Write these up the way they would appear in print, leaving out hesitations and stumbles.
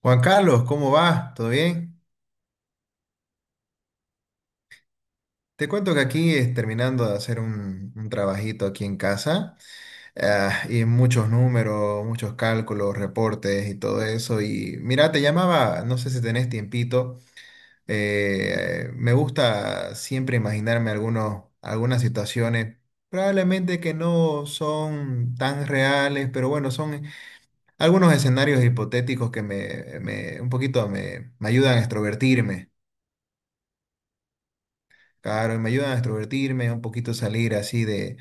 Juan Carlos, ¿cómo va? ¿Todo bien? Te cuento que aquí es terminando de hacer un trabajito aquí en casa, ah, y muchos números, muchos cálculos, reportes y todo eso. Y mira, te llamaba, no sé si tenés tiempito, me gusta siempre imaginarme algunos, algunas situaciones, probablemente que no son tan reales, pero bueno, son algunos escenarios hipotéticos que un poquito me ayudan a extrovertirme. Claro, y me ayudan a extrovertirme, un poquito salir así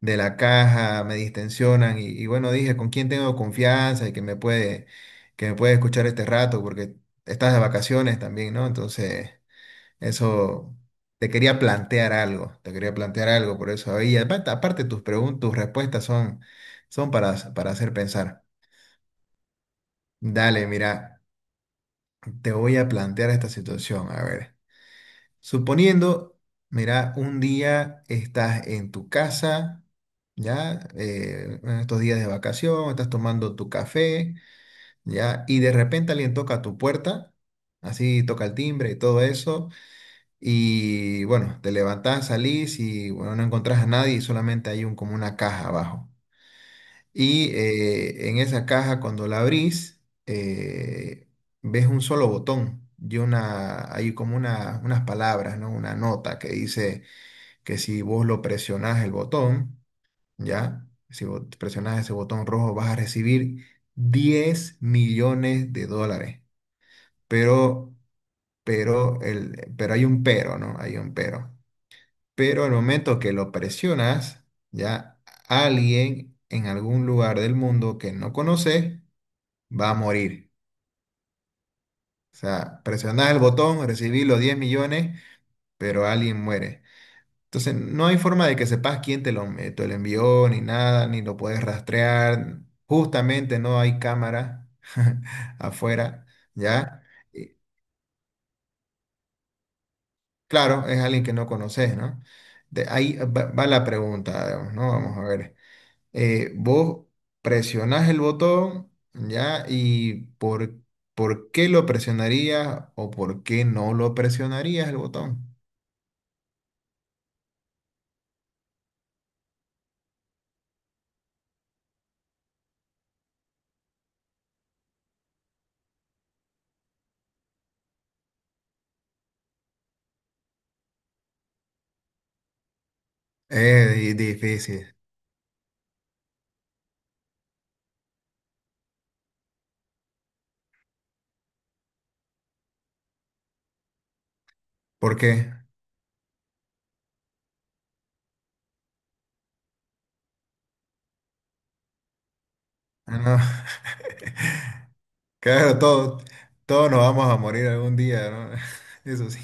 de la caja, me distensionan y bueno, dije, ¿con quién tengo confianza y que me puede escuchar este rato? Porque estás de vacaciones también, ¿no? Entonces, eso, te quería plantear algo, por eso ahí, aparte tus preguntas, tus respuestas son para hacer pensar. Dale, mira, te voy a plantear esta situación, a ver. Suponiendo, mira, un día estás en tu casa, ya, en estos días de vacación, estás tomando tu café, ya, y de repente alguien toca a tu puerta, así toca el timbre y todo eso, y bueno, te levantás, salís y bueno, no encontrás a nadie y solamente hay un, como una caja abajo. Y en esa caja, cuando la abrís, eh, ves un solo botón y una, hay como una, unas palabras, ¿no? Una nota que dice que si vos lo presionás el botón, ¿ya? Si vos presionás ese botón rojo, vas a recibir $10 millones. Pero, pero hay un pero, ¿no? Hay un pero. Pero al momento que lo presionas, ¿ya? Alguien en algún lugar del mundo que no conoces, va a morir. O sea, presionás el botón, recibí los 10 millones, pero alguien muere. Entonces, no hay forma de que sepas quién te lo envió, ni nada, ni lo puedes rastrear. Justamente no hay cámara afuera, ¿ya? Y, claro, es alguien que no conoces, ¿no? De ahí va la pregunta, digamos, ¿no? Vamos a ver. Vos presionás el botón, ¿ya? Y por qué lo presionarías o por qué no lo presionarías el botón. Es difícil. ¿Por qué? Ah, no. Claro, todos nos vamos a morir algún día, ¿no? Eso sí.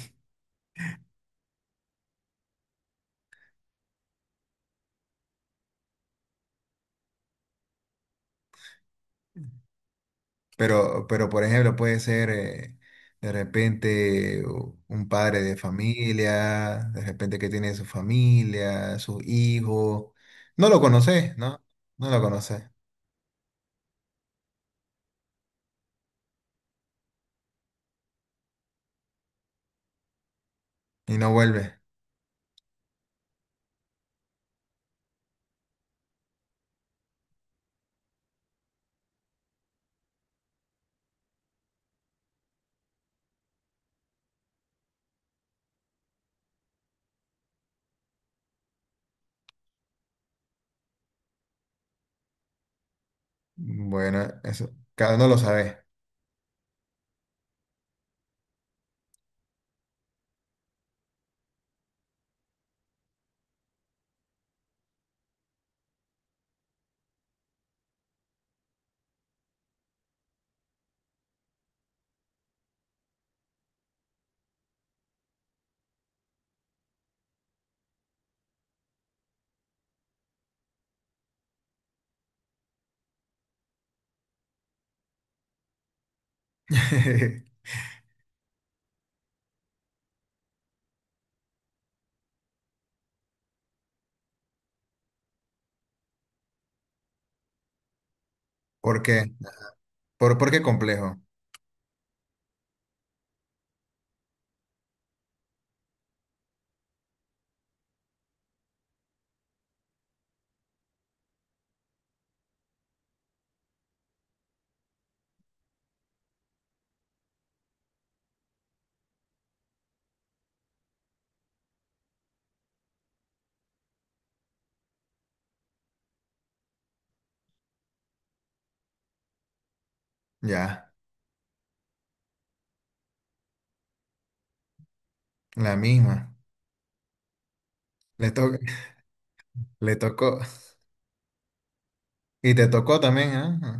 Pero por ejemplo, puede ser de repente un padre de familia, de repente que tiene su familia, su hijo. No lo conoces, ¿no? No lo conoces y no vuelve. Bueno, eso, cada uno lo sabe. ¿Por qué? ¿Por qué complejo? Ya, la misma. Le to- Le tocó. Y te tocó también, ¿ah? Ah,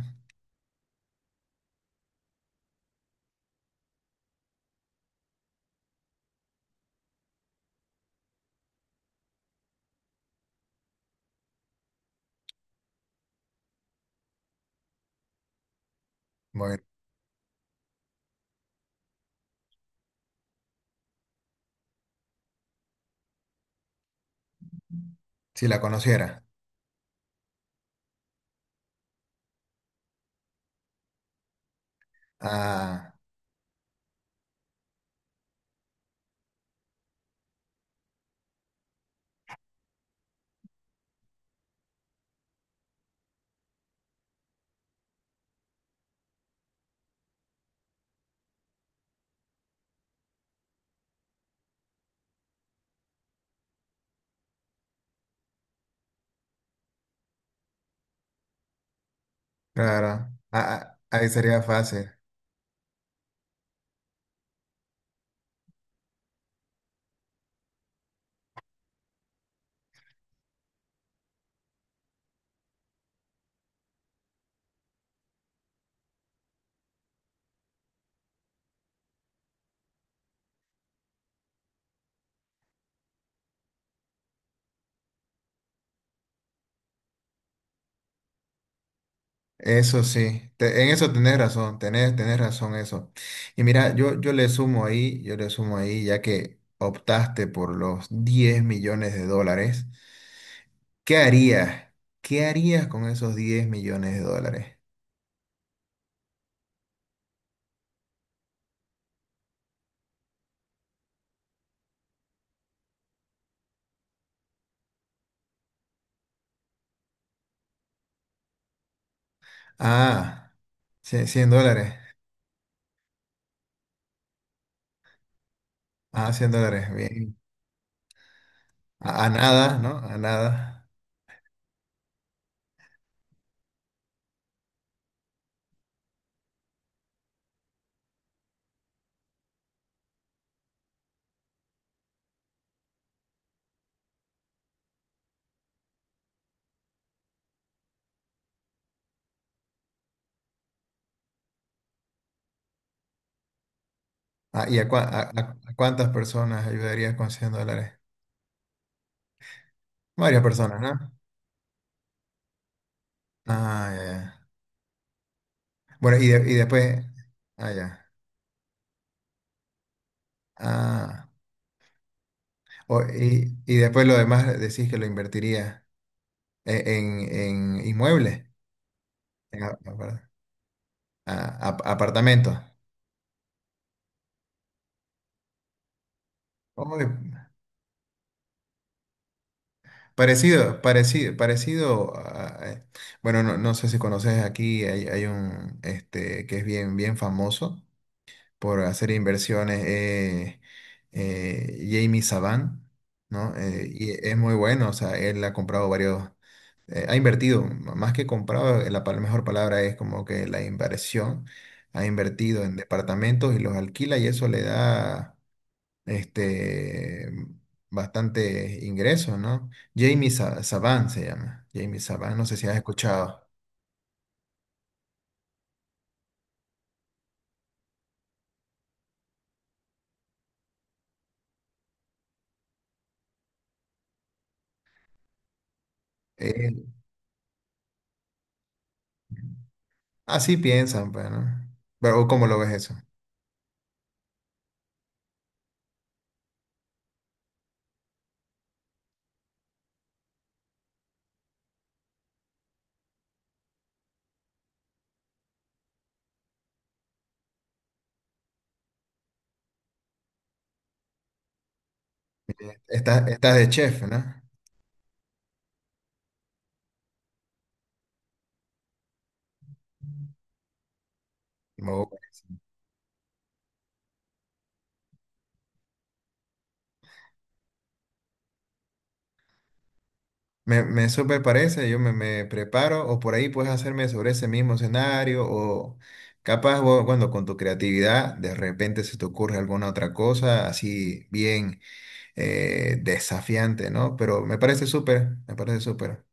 bueno, si la conociera. Ah, claro. Ah, ah, ahí sería fácil. Eso sí, en eso tenés razón, tenés razón eso. Y mira, yo le sumo ahí, yo le sumo ahí, ya que optaste por los $10 millones, ¿qué harías? ¿Qué harías con esos $10 millones? Ah, 100 $100. Ah, $100, bien. A nada, ¿no? A nada. Ah, ¿y a, a cuántas personas ayudarías con $100? Varias personas, ¿no? Ah, ya, ya. Bueno, y, y después... Ah, ya. Ah. Y después lo demás decís que lo invertiría e- en, en inmuebles, en apartamentos. Oy, parecido, parecido, parecido bueno, no, no sé si conoces aquí, hay un este que es bien, bien famoso por hacer inversiones, Jamie Saban, ¿no? Y es muy bueno, o sea, él ha comprado varios. Ha invertido, más que comprado, mejor palabra es como que la inversión, ha invertido en departamentos y los alquila y eso le da este, bastante ingresos, ¿no? Jamie Saban se llama, Jamie Saban, no sé si has escuchado. Eh, así piensan, pues, ¿no? Pero ¿cómo lo ves eso? Estás de chef, ¿no? Me súper parece, yo me preparo o por ahí puedes hacerme sobre ese mismo escenario o capaz vos, bueno, con tu creatividad de repente se te ocurre alguna otra cosa así bien desafiante, ¿no? Pero me parece súper, me parece súper.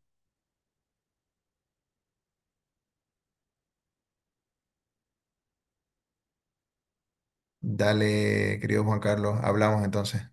Dale, querido Juan Carlos, hablamos entonces.